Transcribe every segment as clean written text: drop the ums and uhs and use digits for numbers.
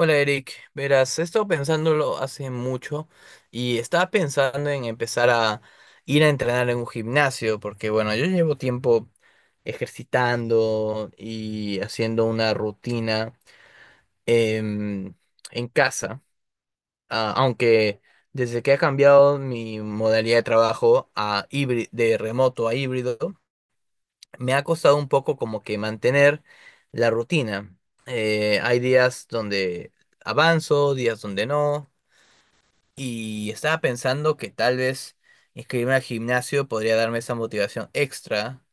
Hola Eric, verás, he estado pensándolo hace mucho y estaba pensando en empezar a ir a entrenar en un gimnasio, porque bueno, yo llevo tiempo ejercitando y haciendo una rutina em, en casa, aunque desde que ha cambiado mi modalidad de trabajo a híbrido, de remoto a híbrido, me ha costado un poco como que mantener la rutina. Hay días donde avanzo, días donde no. Y estaba pensando que tal vez inscribirme al gimnasio podría darme esa motivación extra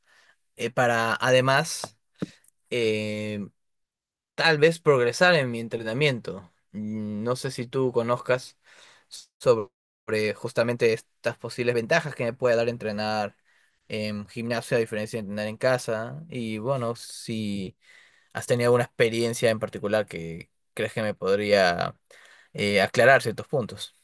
para además, eh, tal vez progresar en mi entrenamiento. Mm, no sé si tú conozcas sobre justamente estas posibles ventajas que me puede dar entrenar en gimnasio a diferencia de entrenar en casa. Y bueno, si has tenido alguna experiencia en particular que crees que me podría aclarar ciertos puntos.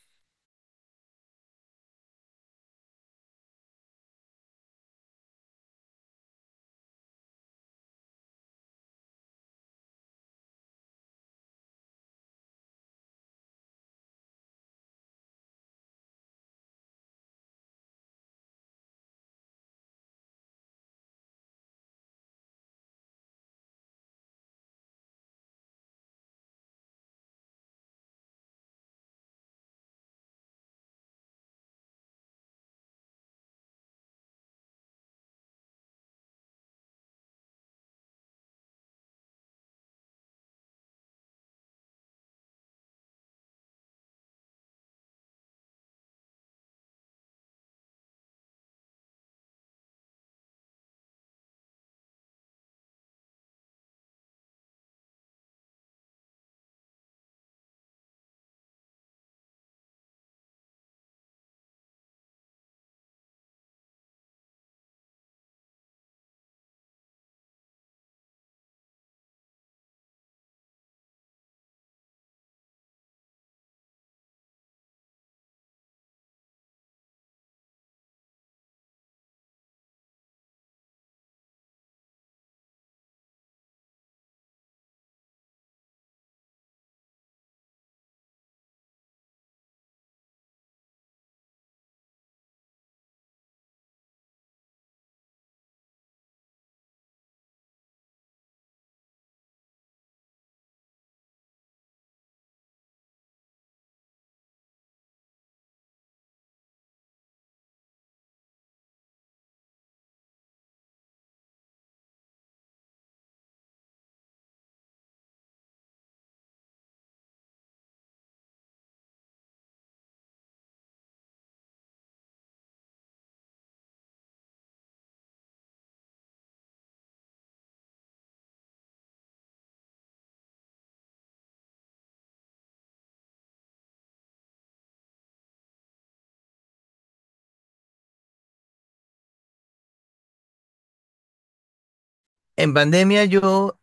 En pandemia yo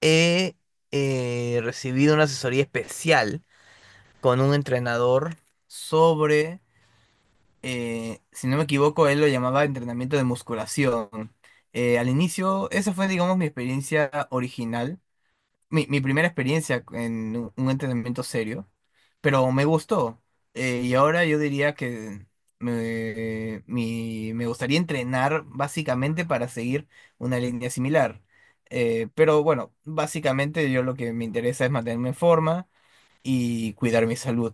he recibido una asesoría especial con un entrenador sobre, si no me equivoco, él lo llamaba entrenamiento de musculación. Al inicio, esa fue, digamos, mi experiencia original, mi primera experiencia en un entrenamiento serio, pero me gustó. Y ahora yo diría que me gustaría entrenar básicamente para seguir una línea similar. Pero bueno, básicamente yo lo que me interesa es mantenerme en forma y cuidar mi salud.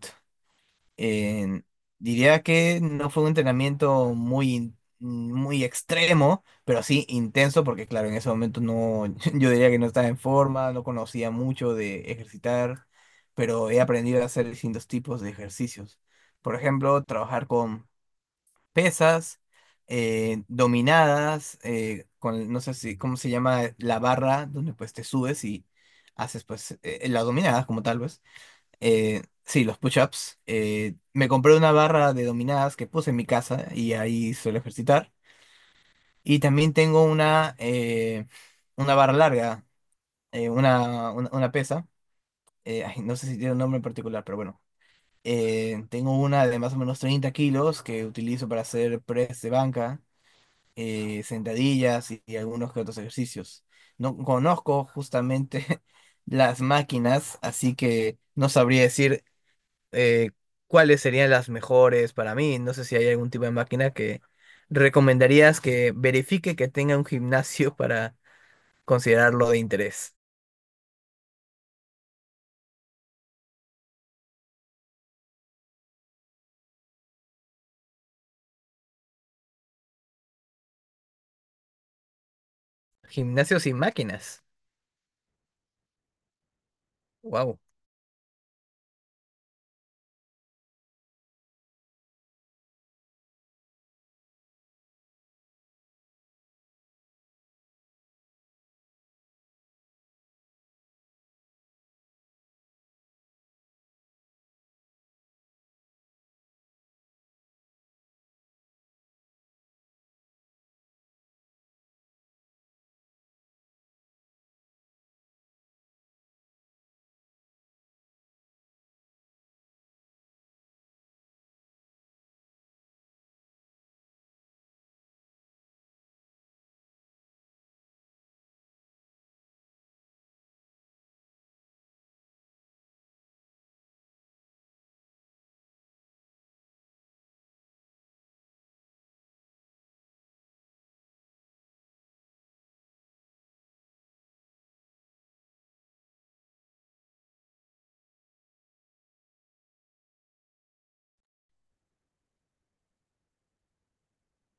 eh, Diría que no fue un entrenamiento muy, muy extremo, pero sí intenso, porque claro, en ese momento no, yo diría que no estaba en forma, no conocía mucho de ejercitar, pero he aprendido a hacer distintos tipos de ejercicios. Por ejemplo, trabajar con pesas, dominadas, con, no sé si, ¿cómo se llama? La barra, donde pues te subes y haces pues las dominadas como tal, vez sí, los push-ups. Me compré una barra de dominadas que puse en mi casa y ahí suelo ejercitar. Y también tengo una barra larga, una pesa. Ay, no sé si tiene un nombre en particular, pero bueno. Tengo una de más o menos 30 kilos que utilizo para hacer press de banca, sentadillas y algunos que otros ejercicios. No conozco justamente las máquinas, así que no sabría decir eh, cuáles serían las mejores para mí. No sé si hay algún tipo de máquina que recomendarías que verifique que tenga un gimnasio para considerarlo de interés. Gimnasios y máquinas. Wow.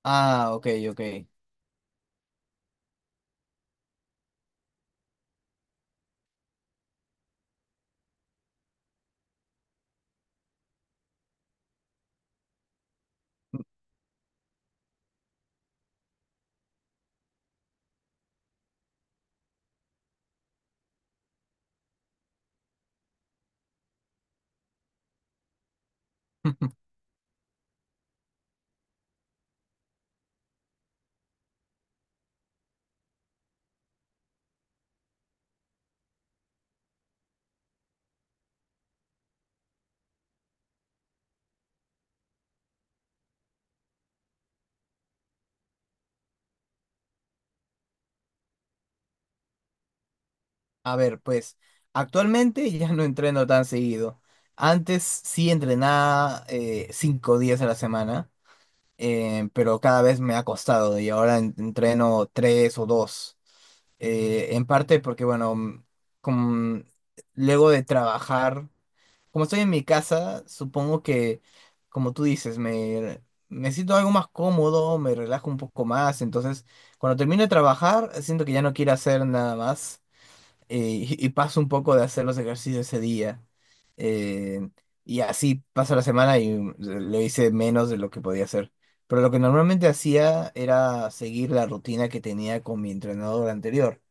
Ah, ok, ok. A ver, pues actualmente ya no entreno tan seguido. Antes sí entrenaba 5 días a la semana, pero cada vez me ha costado y ahora entreno tres o dos, en parte porque, bueno, mm, como, luego de trabajar, como estoy en mi casa, supongo que, como tú dices, me siento algo más cómodo, me relajo un poco más, entonces cuando termino de trabajar, siento que ya no quiero hacer nada más, eh, y paso un poco de hacer los ejercicios ese día. eh, y así pasa la semana y mm, lo hice menos de lo que podía hacer. Pero lo que normalmente hacía era seguir la rutina que tenía con mi entrenador anterior,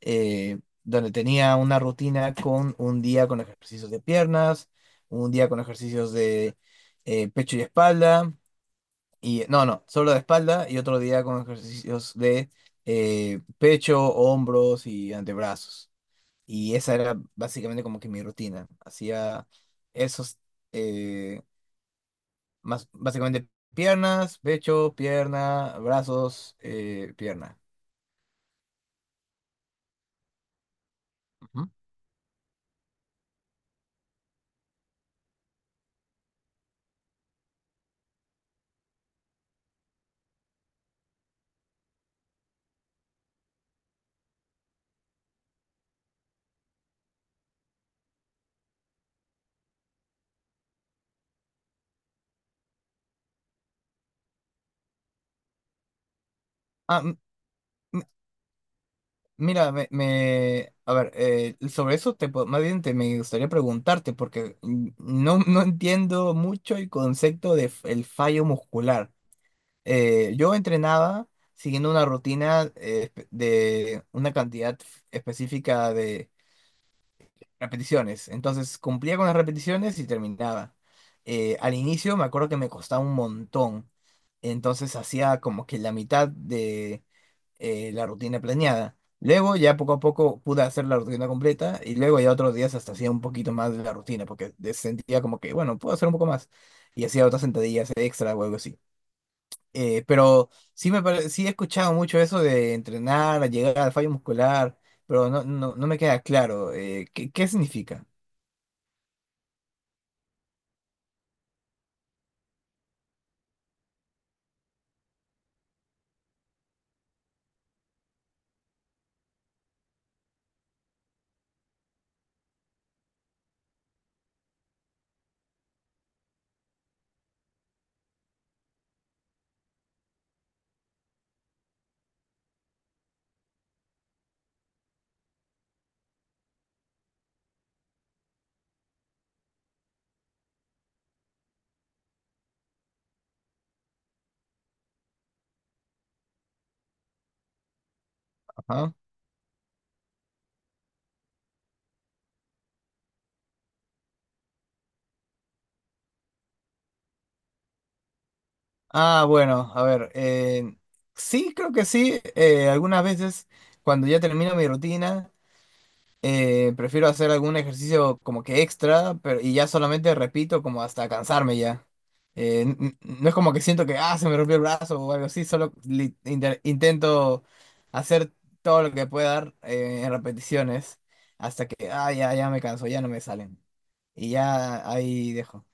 eh, donde tenía una rutina con un día con ejercicios de piernas, un día con ejercicios de pecho y espalda, y no, no, solo de espalda, y otro día con ejercicios de pecho, hombros y antebrazos. Y esa era básicamente como que mi rutina. Hacía esos, eh, más básicamente piernas, pecho, pierna, brazos, pierna. Ujú. Ah, mm, mira, a ver, sobre eso te, más bien te, me gustaría preguntarte, porque mm, no entiendo mucho el concepto de el fallo muscular. Yo entrenaba siguiendo una rutina de una cantidad específica de repeticiones. Entonces cumplía con las repeticiones y terminaba. Al inicio me acuerdo que me costaba un montón. Entonces hacía como que la mitad la rutina planeada. Luego ya poco a poco pude hacer la rutina completa y luego ya otros días hasta hacía un poquito más de la rutina porque sentía como que, bueno, puedo hacer un poco más. Y hacía otras sentadillas extra o algo así. Pero sí, sí he escuchado mucho eso de entrenar, llegar al fallo muscular, pero no me queda claro qué, qué significa. Ajá. Ah, bueno, a ver, sí, creo que sí. Algunas veces cuando ya termino mi rutina, eh, prefiero hacer algún ejercicio como que extra, pero y ya solamente repito como hasta cansarme ya. No es como que siento que ah, se me rompió el brazo o algo así, solo intento hacer todo lo que pueda dar, en repeticiones hasta que ah, ya, ya me canso, ya no me salen. Y ya ahí dejo.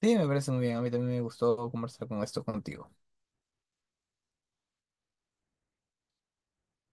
Sí, me parece muy bien. A mí también me gustó conversar con esto contigo.